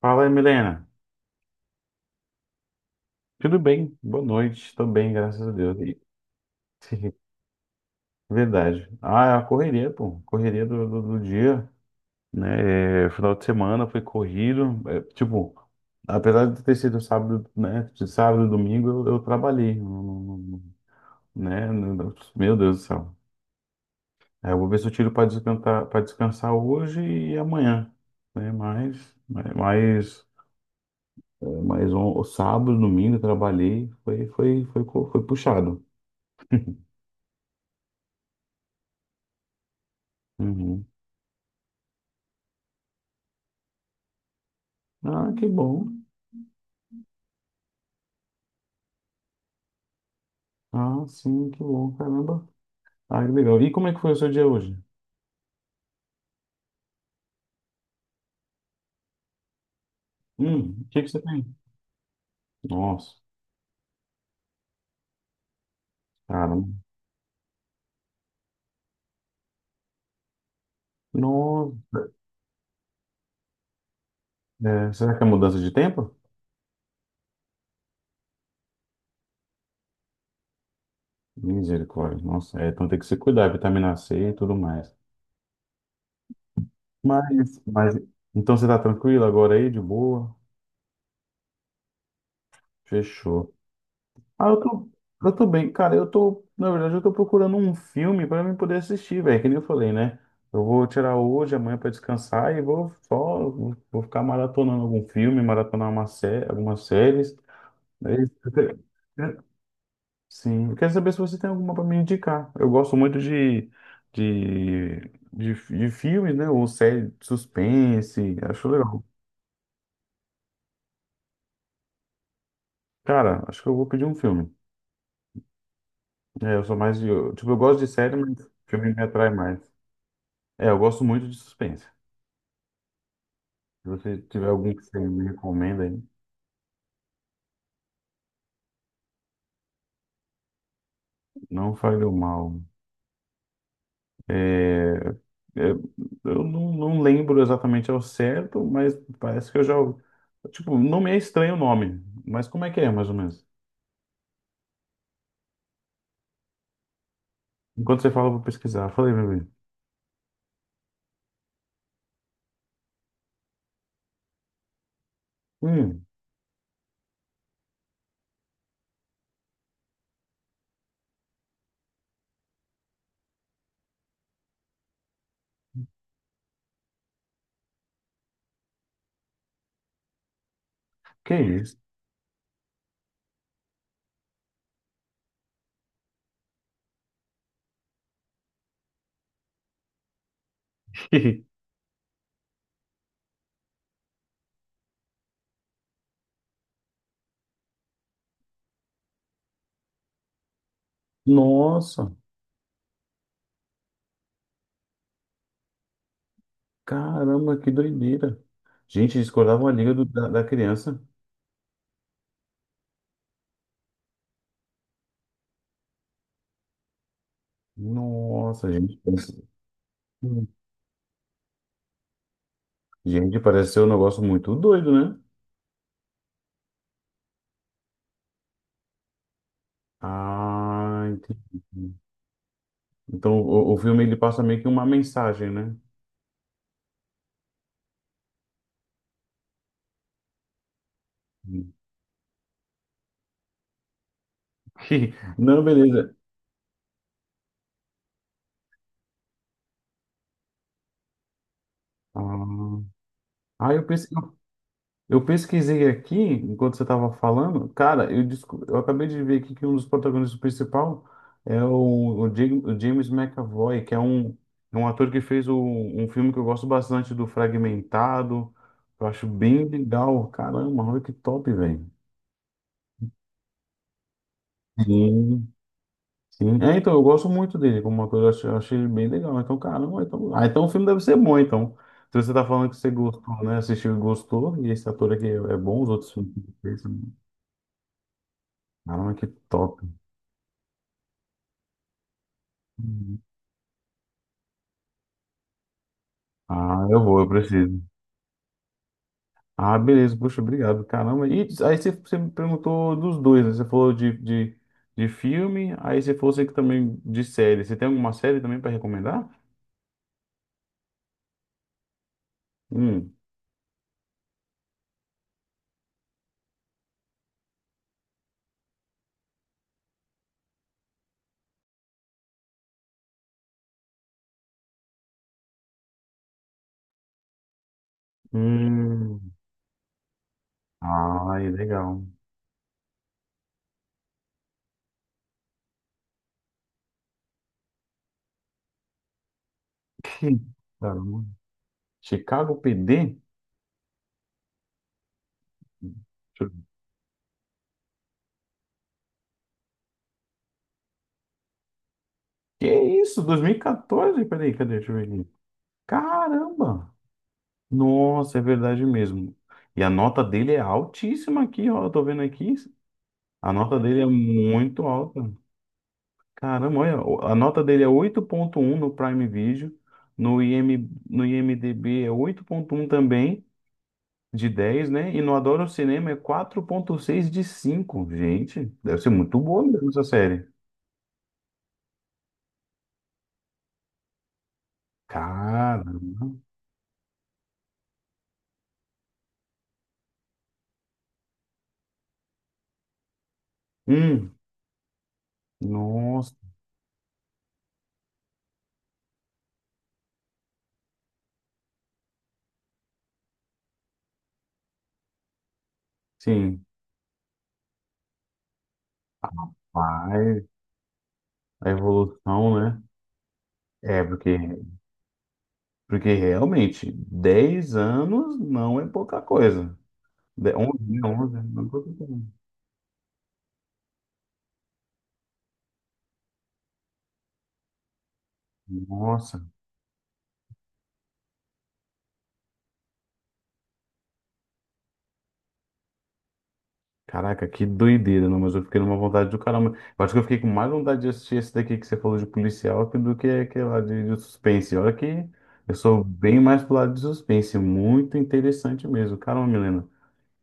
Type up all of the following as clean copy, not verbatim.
Fala aí, Milena. Tudo bem? Boa noite. Tô bem, graças a Deus. E- Verdade. Ah, é a correria, pô. Correria do dia, né? Final de semana foi corrido. Apesar de ter sido sábado, né? De sábado e domingo, eu trabalhei, né? Meu Deus do céu. Eu vou ver se eu tiro para descansar hoje e amanhã, né? Mas sábado, domingo, eu trabalhei. Foi puxado. Uhum. Ah, que bom. Ah, sim, que bom, caramba. Ah, que legal. E como é que foi o seu dia hoje? O que que você tem? Nossa, caramba. Nossa, é, será que é mudança de tempo? Misericórdia, nossa, é, então tem que se cuidar, vitamina C e tudo mais. Mas, mas, então você tá tranquilo agora aí, de boa? Fechou. Ah, eu tô, eu tô bem. Cara, eu tô, na verdade, eu tô procurando um filme pra mim poder assistir, velho, que nem eu falei, né? Eu vou tirar hoje, amanhã pra descansar e vou ficar maratonando algum filme, maratonar uma série, algumas séries. Né? É isso. Sim, eu quero saber se você tem alguma pra me indicar. Eu gosto muito de, de filmes, né? Ou série de suspense, acho legal. Cara, acho que eu vou pedir um filme. É, eu sou mais de, tipo, eu gosto de série, mas filme me atrai mais. É, eu gosto muito de suspense. Se você tiver algum que você me recomenda aí, não fale o mal. É, é, eu não lembro exatamente ao certo, mas parece que eu já. Tipo, não me é estranho o nome, mas como é que é, mais ou menos? Enquanto você fala, eu vou pesquisar. Falei, meu bem. Hum, que isso? Nossa, caramba, que doideira. Gente, discordava uma liga do- da, da criança. Nossa, gente. Parece- Gente, parece ser um negócio muito doido, né? Ah, entendi. Então o filme ele passa meio que uma mensagem, né? Hum. Não, beleza. Ah, ah, eu, pes- eu pesquisei aqui enquanto você estava falando. Eu acabei de ver aqui que um dos protagonistas principal é o James McAvoy, é um ator que fez um filme que eu gosto bastante do Fragmentado. Eu acho bem legal. Caramba, olha que top, velho. Sim. Sim. É, então, eu gosto muito dele como ator, eu achei ele bem legal. Então, caramba, então, ah, então o filme deve ser bom, então. Se você tá falando que você gostou, né? Assistiu e gostou, e esse ator aqui é, é bom, os outros filmes que ele fez também. Caramba, que top. Uhum. Ah, eu vou, eu preciso. Ah, beleza, poxa, obrigado, caramba. E aí você me perguntou dos dois, né? Você falou de filme, aí você falou você que também de série. Você tem alguma série também para recomendar? Hum. Hum. Ah, legal. Caramba. Chicago PD? Deixa eu ver. Que isso? 2014? Peraí, cadê? Deixa eu ver aqui. Caramba! Nossa, é verdade mesmo. E a nota dele é altíssima aqui, ó. Eu tô vendo aqui. A nota dele é muito alta. Caramba, olha. A nota dele é 8.1 no Prime Video. No IM, no IMDB é 8.1 também, de 10, né? E no Adoro Cinema é 4.6 de 5. Gente, deve ser muito boa mesmo essa série. Caramba. Hum, Nossa, sim, mas a evolução, né? É, porque, porque realmente 10 anos não é pouca coisa. De- 11 né? 11 não é pouca coisa. Nossa, caraca, que doideira, não, mas eu fiquei numa vontade do caramba. Eu acho que eu fiquei com mais vontade de assistir esse daqui que você falou de policial do que aquele lá de suspense. Olha que eu sou bem mais pro lado de suspense, muito interessante mesmo. Caramba, Milena.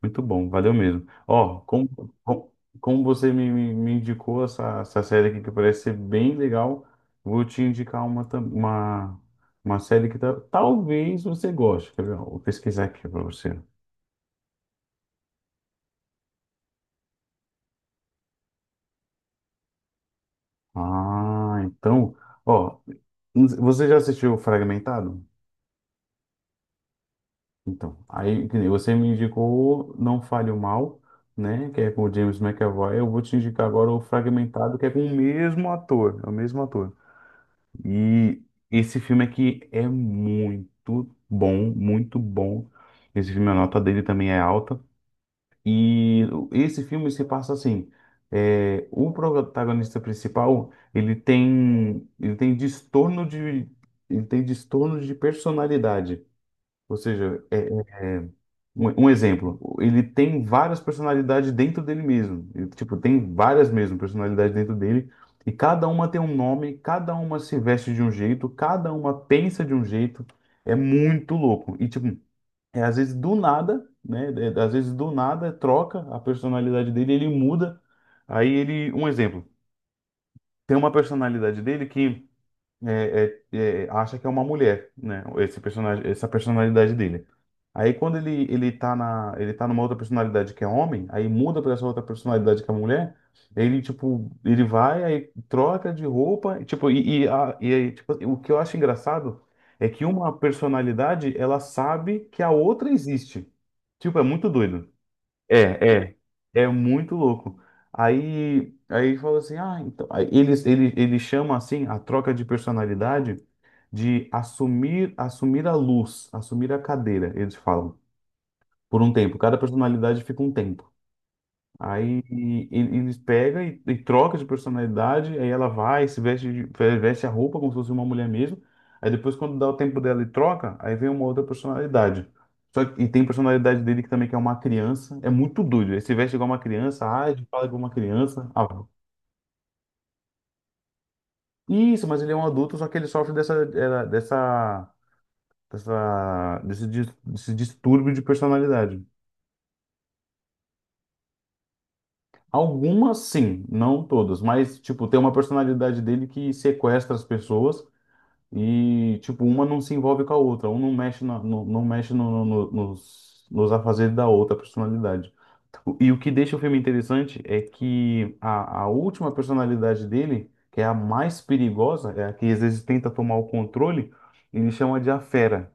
Muito bom, valeu mesmo. Ó, como, como como você me indicou essa série aqui que parece ser bem legal, vou te indicar uma série que talvez você goste. Quer ver? Ó, Vou pesquisar aqui para você. Ah, então, ó, você já assistiu Fragmentado? Então, aí que nem você me indicou Não Fale o Mal, né? Que é com o James McAvoy. Eu vou te indicar agora o Fragmentado, que é com o mesmo ator, é o mesmo ator. E esse filme aqui é muito bom, muito bom. Esse filme, a nota dele também é alta. E esse filme se passa assim, é, o protagonista principal, ele tem transtorno ele tem transtorno de personalidade. Ou seja, um, um exemplo, ele tem várias personalidades dentro dele mesmo. Ele, tipo, tem várias mesmo personalidades dentro dele, e cada uma tem um nome, cada uma se veste de um jeito, cada uma pensa de um jeito. É muito louco. E, tipo, é, às vezes do nada, né? É, às vezes do nada troca a personalidade dele, ele muda. Aí ele, um exemplo, tem uma personalidade dele que é, é, é, acha que é uma mulher, né? Esse personagem, essa personalidade dele. Aí quando ele tá numa outra personalidade que é homem, aí muda pra essa outra personalidade que é mulher, ele vai aí troca de roupa, e aí, tipo, o que eu acho engraçado é que uma personalidade ela sabe que a outra existe. Tipo, é muito doido. É, é, é muito louco. Aí ele falou assim, ah, então, ele chama assim a troca de personalidade de assumir, assumir a luz, assumir a cadeira, eles falam, por um tempo. Cada personalidade fica um tempo. Aí eles pegam e troca de personalidade, aí ela vai, se veste, veste a roupa como se fosse uma mulher mesmo. Aí depois, quando dá o tempo dela e troca, aí vem uma outra personalidade. Só que, e tem personalidade dele que também que é uma criança. É muito doido. Ele se veste igual uma criança, age, fala igual uma criança. Ah, isso, mas ele é um adulto, só que ele sofre dessa, era- dessa, dessa, desse, dis- desse distúrbio de personalidade. Algumas sim, não todas, mas tipo, tem uma personalidade dele que sequestra as pessoas. E, tipo, uma não se envolve com a outra, um não mexe, na, no, não mexe nos afazeres da outra personalidade. Tipo, E o que deixa o filme interessante é que a última personalidade dele, que é a mais perigosa, é a que às vezes tenta tomar o controle, ele chama de a fera.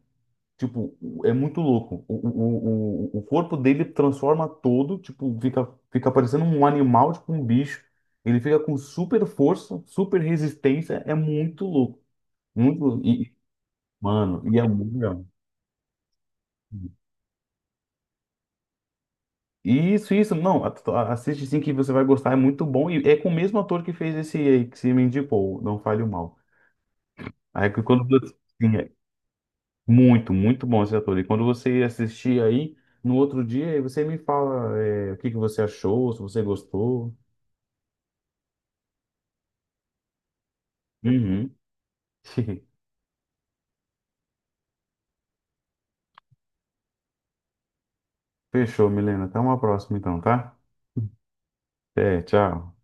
Tipo, é muito louco. O corpo dele transforma todo, tipo, fica parecendo um animal, tipo um bicho. Ele fica com super força, super resistência, é muito louco. Muito, Mano, e é muito legal. Isso, não, assiste sim que você vai gostar, é muito bom, e é com o mesmo ator que fez esse aí, que se me indicou, Não Fale o Mal. Aí que quando você, sim, é muito, muito bom esse ator, e quando você assistir aí, no outro dia, aí você me fala é, o que que você achou, se você gostou. Uhum. Fechou, Milena, até uma próxima então, tá? É, tchau.